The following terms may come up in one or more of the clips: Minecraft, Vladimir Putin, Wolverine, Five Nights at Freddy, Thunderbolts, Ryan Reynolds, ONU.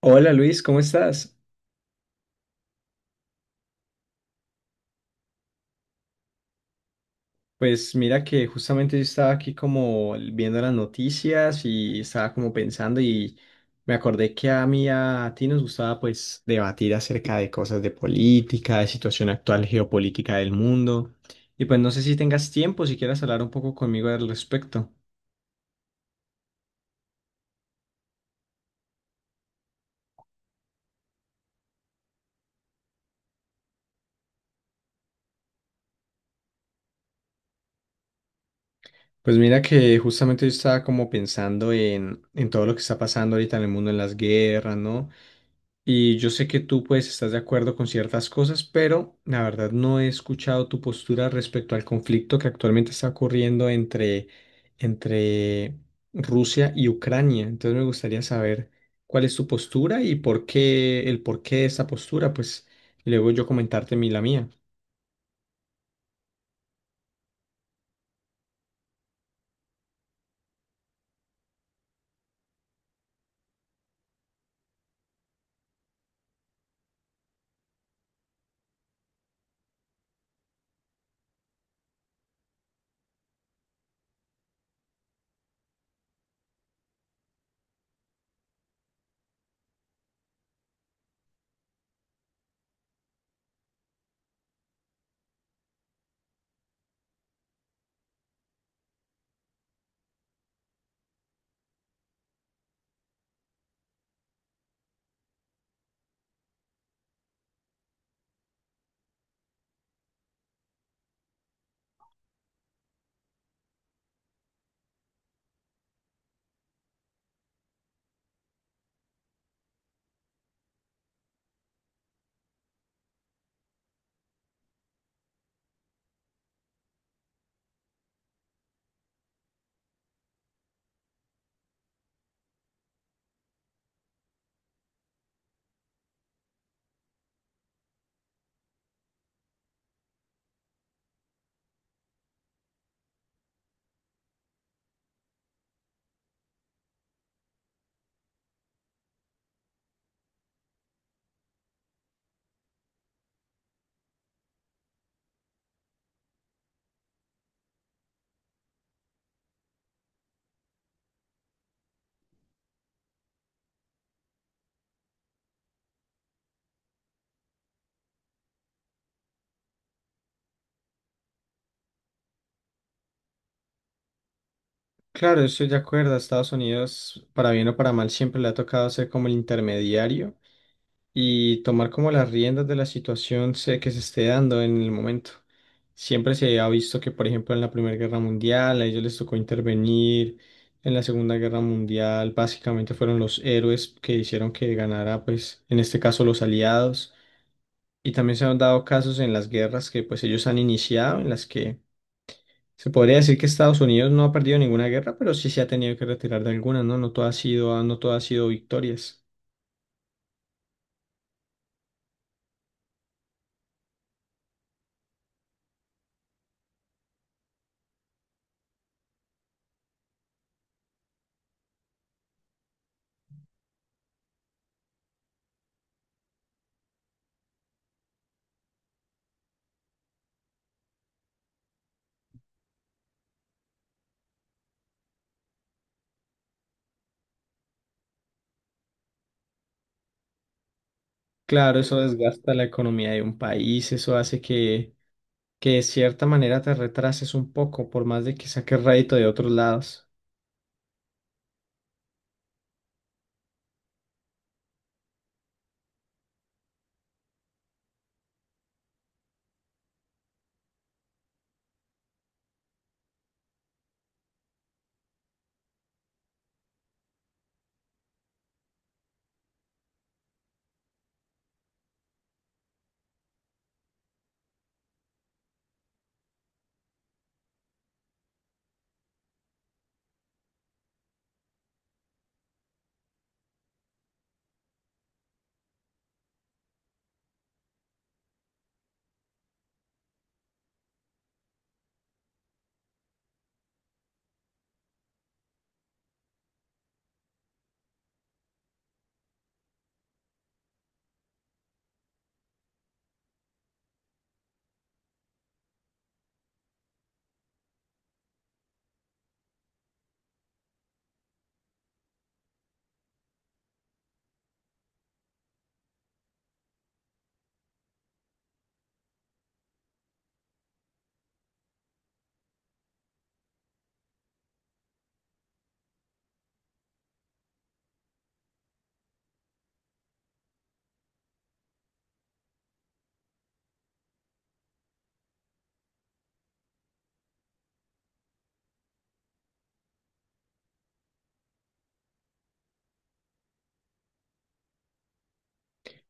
Hola Luis, ¿cómo estás? Pues mira que justamente yo estaba aquí como viendo las noticias y estaba como pensando y me acordé que a mí y a ti nos gustaba pues debatir acerca de cosas de política, de situación actual geopolítica del mundo, y pues no sé si tengas tiempo, si quieras hablar un poco conmigo al respecto. Pues mira que justamente yo estaba como pensando en todo lo que está pasando ahorita en el mundo, en las guerras, ¿no? Y yo sé que tú pues estás de acuerdo con ciertas cosas, pero la verdad no he escuchado tu postura respecto al conflicto que actualmente está ocurriendo entre Rusia y Ucrania. Entonces me gustaría saber cuál es tu postura y por qué, el por qué de esa postura, pues, y luego yo comentarte mi la mía. Claro, yo estoy de acuerdo. A Estados Unidos, para bien o para mal, siempre le ha tocado ser como el intermediario y tomar como las riendas de la situación que se esté dando en el momento. Siempre se ha visto que, por ejemplo, en la Primera Guerra Mundial, a ellos les tocó intervenir. En la Segunda Guerra Mundial, básicamente fueron los héroes que hicieron que ganara, pues, en este caso, los aliados. Y también se han dado casos en las guerras que, pues, ellos han iniciado, en las que se podría decir que Estados Unidos no ha perdido ninguna guerra, pero sí se ha tenido que retirar de alguna, ¿no? No todo ha sido, no todo ha sido victorias. Claro, eso desgasta la economía de un país, eso hace que de cierta manera te retrases un poco, por más de que saques rédito de otros lados.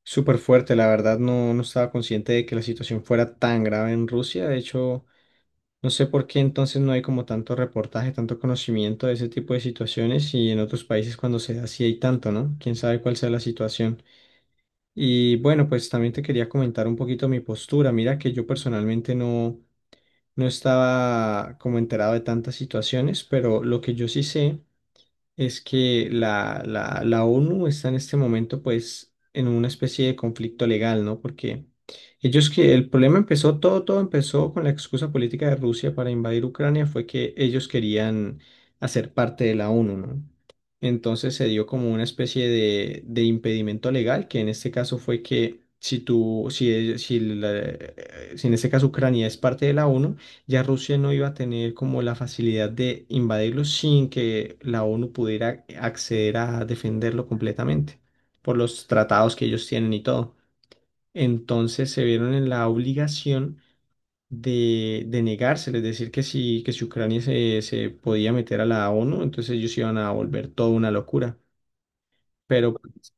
Súper fuerte, la verdad, no, no estaba consciente de que la situación fuera tan grave en Rusia. De hecho, no sé por qué entonces no hay como tanto reportaje, tanto conocimiento de ese tipo de situaciones y en otros países cuando se da sí hay tanto, ¿no? Quién sabe cuál sea la situación. Y bueno, pues también te quería comentar un poquito mi postura. Mira que yo personalmente no, no estaba como enterado de tantas situaciones, pero lo que yo sí sé es que la ONU está en este momento pues en una especie de conflicto legal, ¿no? Porque ellos que el problema empezó, todo empezó con la excusa política de Rusia para invadir Ucrania, fue que ellos querían hacer parte de la ONU, ¿no? Entonces se dio como una especie de impedimento legal, que en este caso fue que si tú, si, si, si en este caso Ucrania es parte de la ONU, ya Rusia no iba a tener como la facilidad de invadirlo sin que la ONU pudiera acceder a defenderlo completamente por los tratados que ellos tienen y todo. Entonces se vieron en la obligación de negárselo, es decir, que si Ucrania se, se podía meter a la ONU, entonces ellos iban a volver toda una locura. Pero, pues,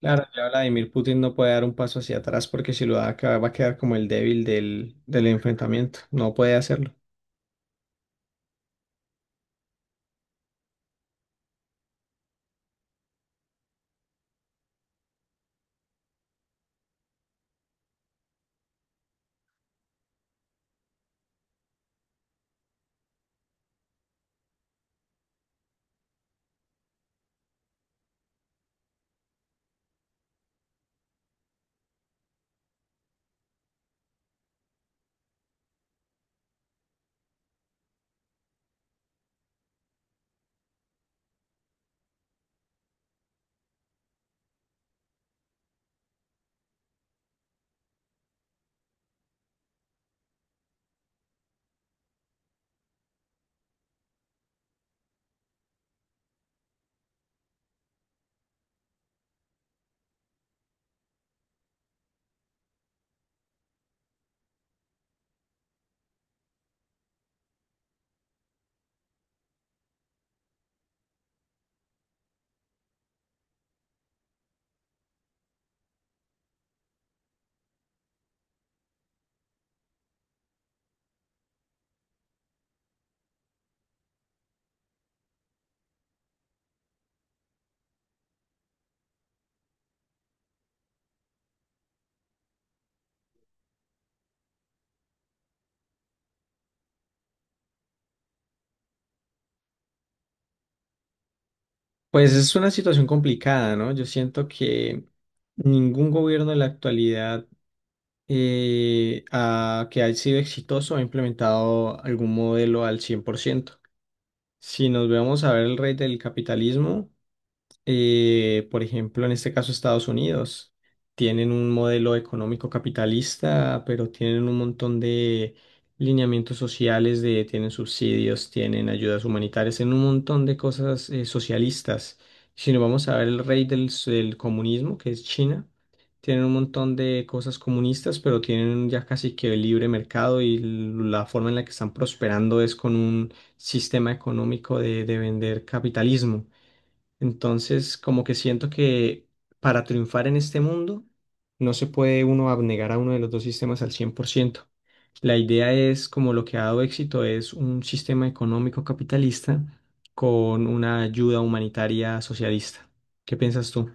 claro, ya Vladimir Putin no puede dar un paso hacia atrás porque si lo da, va a quedar como el débil del enfrentamiento. No puede hacerlo. Pues es una situación complicada, ¿no? Yo siento que ningún gobierno en la actualidad que haya sido exitoso ha implementado algún modelo al 100%. Si nos vemos a ver el rey del capitalismo. Por ejemplo, en este caso Estados Unidos, tienen un modelo económico capitalista, pero tienen un montón de lineamientos sociales, de, tienen subsidios, tienen ayudas humanitarias, tienen un montón de cosas socialistas. Si nos vamos a ver el rey del, del comunismo, que es China, tienen un montón de cosas comunistas, pero tienen ya casi que el libre mercado y la forma en la que están prosperando es con un sistema económico de vender capitalismo. Entonces, como que siento que para triunfar en este mundo, no se puede uno abnegar a uno de los dos sistemas al 100%. La idea es, como lo que ha dado éxito, es un sistema económico capitalista con una ayuda humanitaria socialista. ¿Qué piensas tú?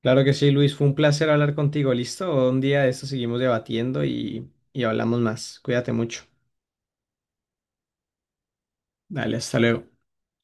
Claro que sí, Luis, fue un placer hablar contigo. ¿Listo? Un día de esto seguimos debatiendo y hablamos más. Cuídate mucho. Dale, hasta luego.